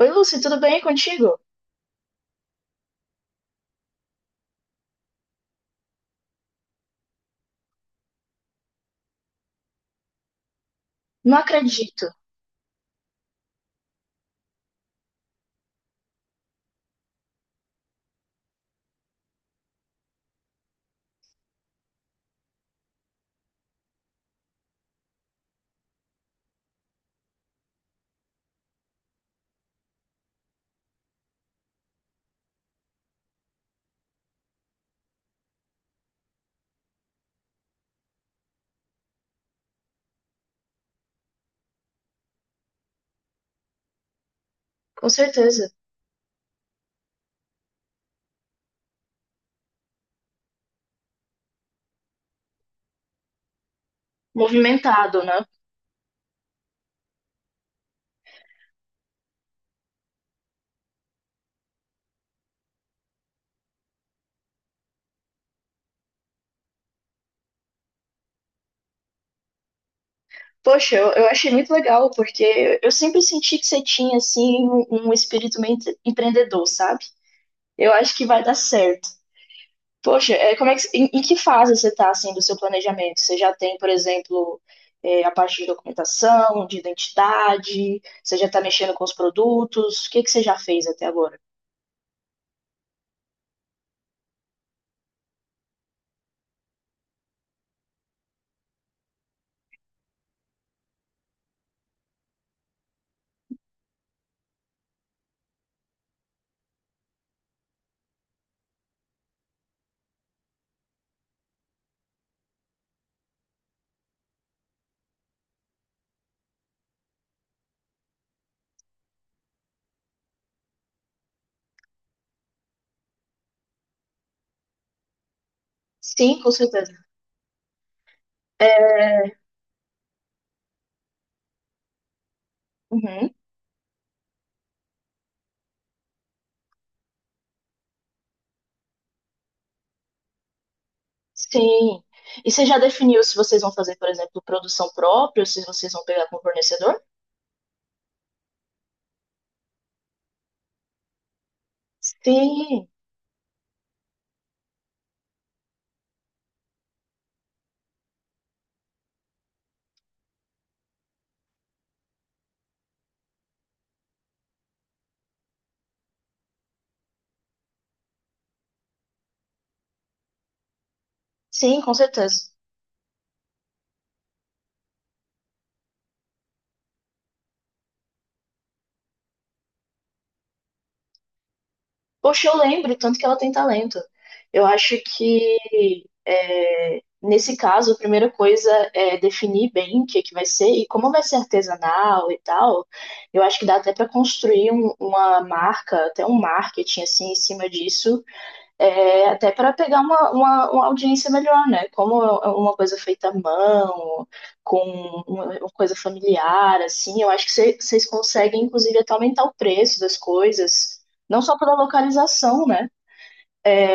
Oi, Lúcia, tudo bem contigo? Não acredito, com certeza. Movimentado, né? Poxa, eu achei muito legal, porque eu sempre senti que você tinha, assim, um espírito meio empreendedor, sabe? Eu acho que vai dar certo. Poxa, é, como é que, em que fase você está, assim, do seu planejamento? Você já tem, por exemplo, é, a parte de documentação, de identidade? Você já está mexendo com os produtos? O que que você já fez até agora? Sim, com certeza. É, uhum. Sim. E você já definiu se vocês vão fazer, por exemplo, produção própria, ou se vocês vão pegar com o fornecedor? Sim, sim, com certeza. Poxa, eu lembro, tanto que ela tem talento. Eu acho que, é, nesse caso, a primeira coisa é definir bem o que é que vai ser e como vai ser artesanal e tal. Eu acho que dá até para construir uma marca, até um marketing, assim, em cima disso é, até para pegar uma, uma audiência melhor, né? Como é uma coisa feita à mão, com uma coisa familiar, assim, eu acho que vocês conseguem, inclusive, até aumentar o preço das coisas, não só pela localização, né? É,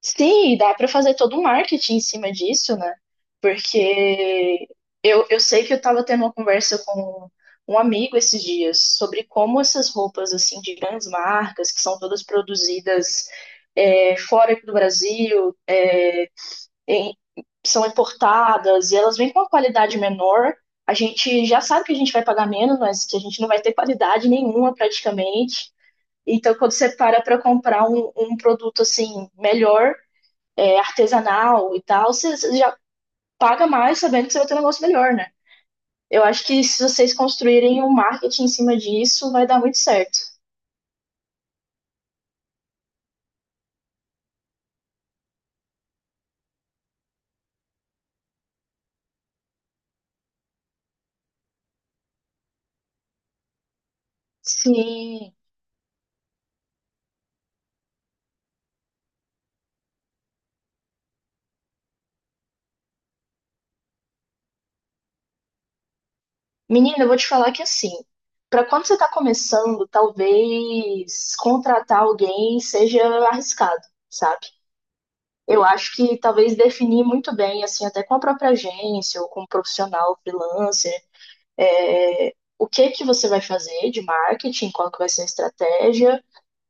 sim, e dá para fazer todo um marketing em cima disso, né? Porque eu sei que eu estava tendo uma conversa com um amigo esses dias sobre como essas roupas assim de grandes marcas, que são todas produzidas é, fora aqui do Brasil, é, em- são importadas e elas vêm com uma qualidade menor. A gente já sabe que a gente vai pagar menos, mas que a gente não vai ter qualidade nenhuma praticamente. Então, quando você para comprar um produto assim melhor é, artesanal e tal, você já paga mais sabendo que você vai ter um negócio melhor, né? Eu acho que se vocês construírem um marketing em cima disso, vai dar muito certo. Sim. Menina, eu vou te falar que assim, para quando você está começando, talvez contratar alguém seja arriscado, sabe? Eu acho que talvez definir muito bem, assim, até com a própria agência ou com um profissional freelancer, é, o que que você vai fazer de marketing, qual que vai ser a estratégia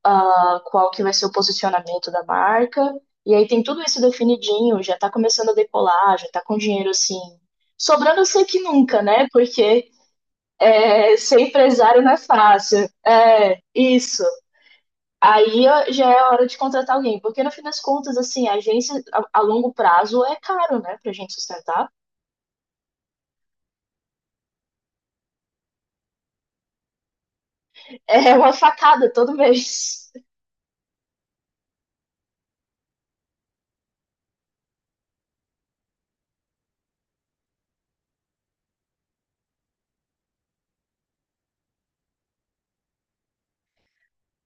ah, qual que vai ser o posicionamento da marca. E aí tem tudo isso definidinho, já tá começando a decolar, já tá com dinheiro assim. Sobrando eu sei que nunca, né? Porque é, ser empresário não é fácil. É, isso. Aí ó, já é a hora de contratar alguém, porque no fim das contas, assim, a agência a longo prazo é caro, né, pra gente sustentar. É uma facada todo mês.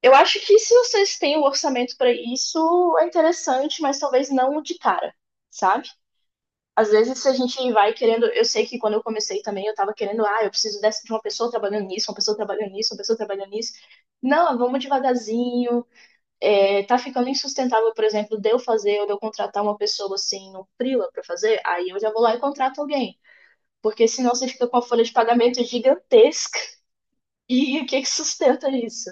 Eu acho que se vocês têm o orçamento para isso, é interessante, mas talvez não de cara, sabe? Às vezes a gente vai querendo. Eu sei que quando eu comecei também, eu tava querendo, ah, eu preciso dessa, de uma pessoa trabalhando nisso, uma pessoa trabalhando nisso, uma pessoa trabalhando nisso. Não, vamos devagarzinho. É, tá ficando insustentável, por exemplo, de eu fazer ou de eu contratar uma pessoa assim no Freela pra fazer, aí eu já vou lá e contrato alguém. Porque senão você fica com a folha de pagamento gigantesca. E o que que sustenta isso?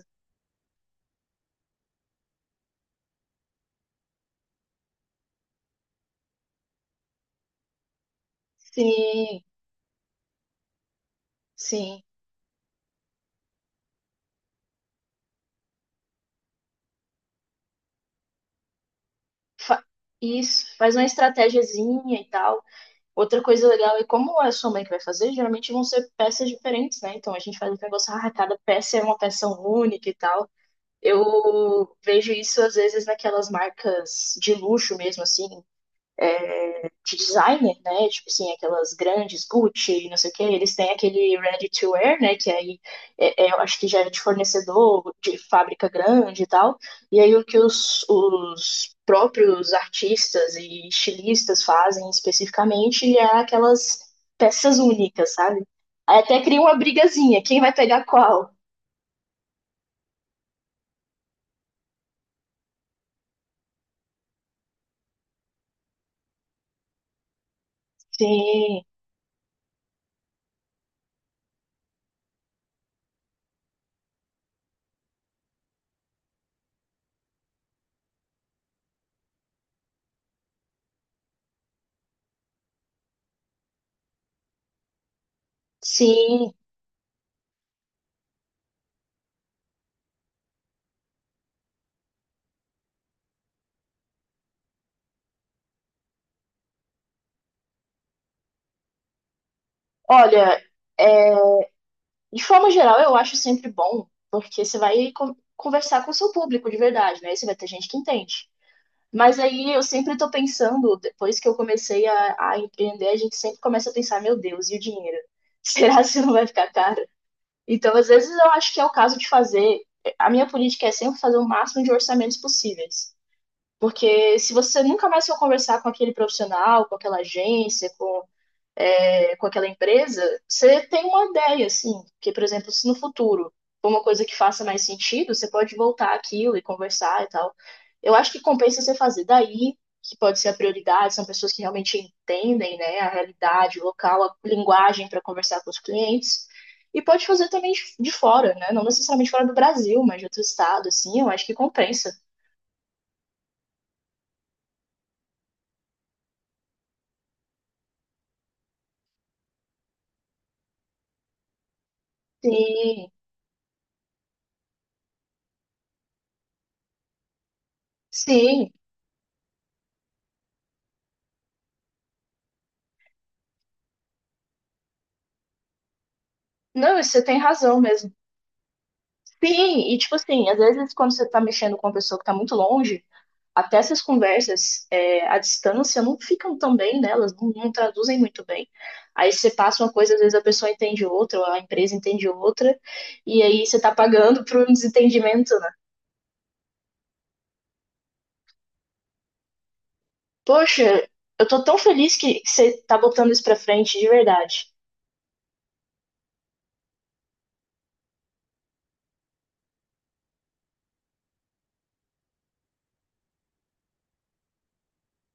Sim, sim. Fa- isso, faz uma estratégiazinha e tal. Outra coisa legal é como é a sua mãe que vai fazer, geralmente vão ser peças diferentes, né? Então a gente faz o negócio, ah, cada peça é uma peça única e tal. Eu vejo isso às vezes naquelas marcas de luxo mesmo, assim, de designer, né? Tipo assim, aquelas grandes Gucci, não sei o que, eles têm aquele ready to wear, né? Que aí é, eu acho que já é de fornecedor, de fábrica grande e tal. E aí o que os próprios artistas e estilistas fazem especificamente é aquelas peças únicas, sabe? Aí até cria uma brigazinha, quem vai pegar qual? Sim, sim. Olha, é, de forma geral, eu acho sempre bom, porque você vai conversar com o seu público de verdade, né? Você vai ter gente que entende. Mas aí eu sempre tô pensando, depois que eu comecei a empreender, a gente sempre começa a pensar, meu Deus, e o dinheiro? Será que isso não vai ficar caro? Então, às vezes, eu acho que é o caso de fazer. A minha política é sempre fazer o máximo de orçamentos possíveis. Porque se você nunca mais for conversar com aquele profissional, com aquela agência, com é, com aquela empresa, você tem uma ideia, assim, que, por exemplo, se no futuro for uma coisa que faça mais sentido, você pode voltar aquilo e conversar e tal. Eu acho que compensa você fazer daí, que pode ser a prioridade, são pessoas que realmente entendem, né, a realidade, o local, a linguagem para conversar com os clientes. E pode fazer também de fora, né? Não necessariamente fora do Brasil, mas de outro estado, assim, eu acho que compensa. Sim, sim. Não, você tem razão mesmo. Sim, e tipo assim, às vezes quando você tá mexendo com uma pessoa que tá muito longe, até essas conversas é, à distância não ficam tão bem, né? Elas não, não traduzem muito bem. Aí você passa uma coisa, às vezes a pessoa entende outra, ou a empresa entende outra, e aí você tá pagando por um desentendimento, né? Poxa, eu tô tão feliz que você tá botando isso pra frente, de verdade.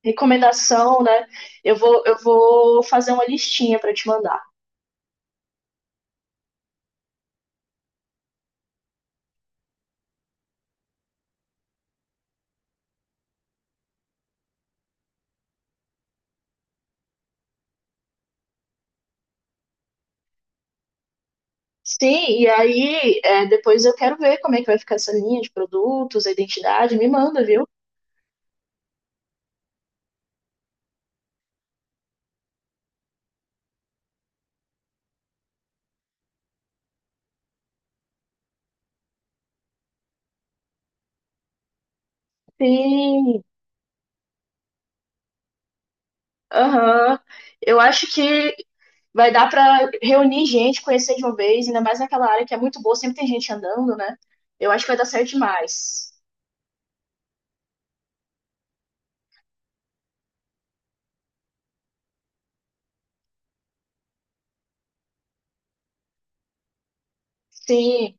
Recomendação, né? Eu vou fazer uma listinha pra te mandar. Sim, e aí é, depois eu quero ver como é que vai ficar essa linha de produtos, a identidade, me manda, viu? Sim, aham. Eu acho que vai dar para reunir gente, conhecer de uma vez, ainda mais naquela área que é muito boa, sempre tem gente andando, né? Eu acho que vai dar certo demais. Sim,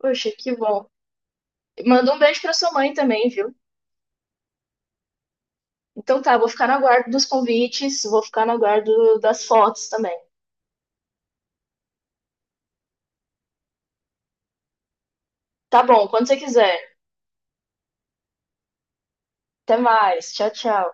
poxa, que bom. Manda um beijo para sua mãe também, viu? Então tá, vou ficar no aguardo dos convites, vou ficar no aguardo das fotos também. Tá bom, quando você quiser. Até mais. Tchau, tchau.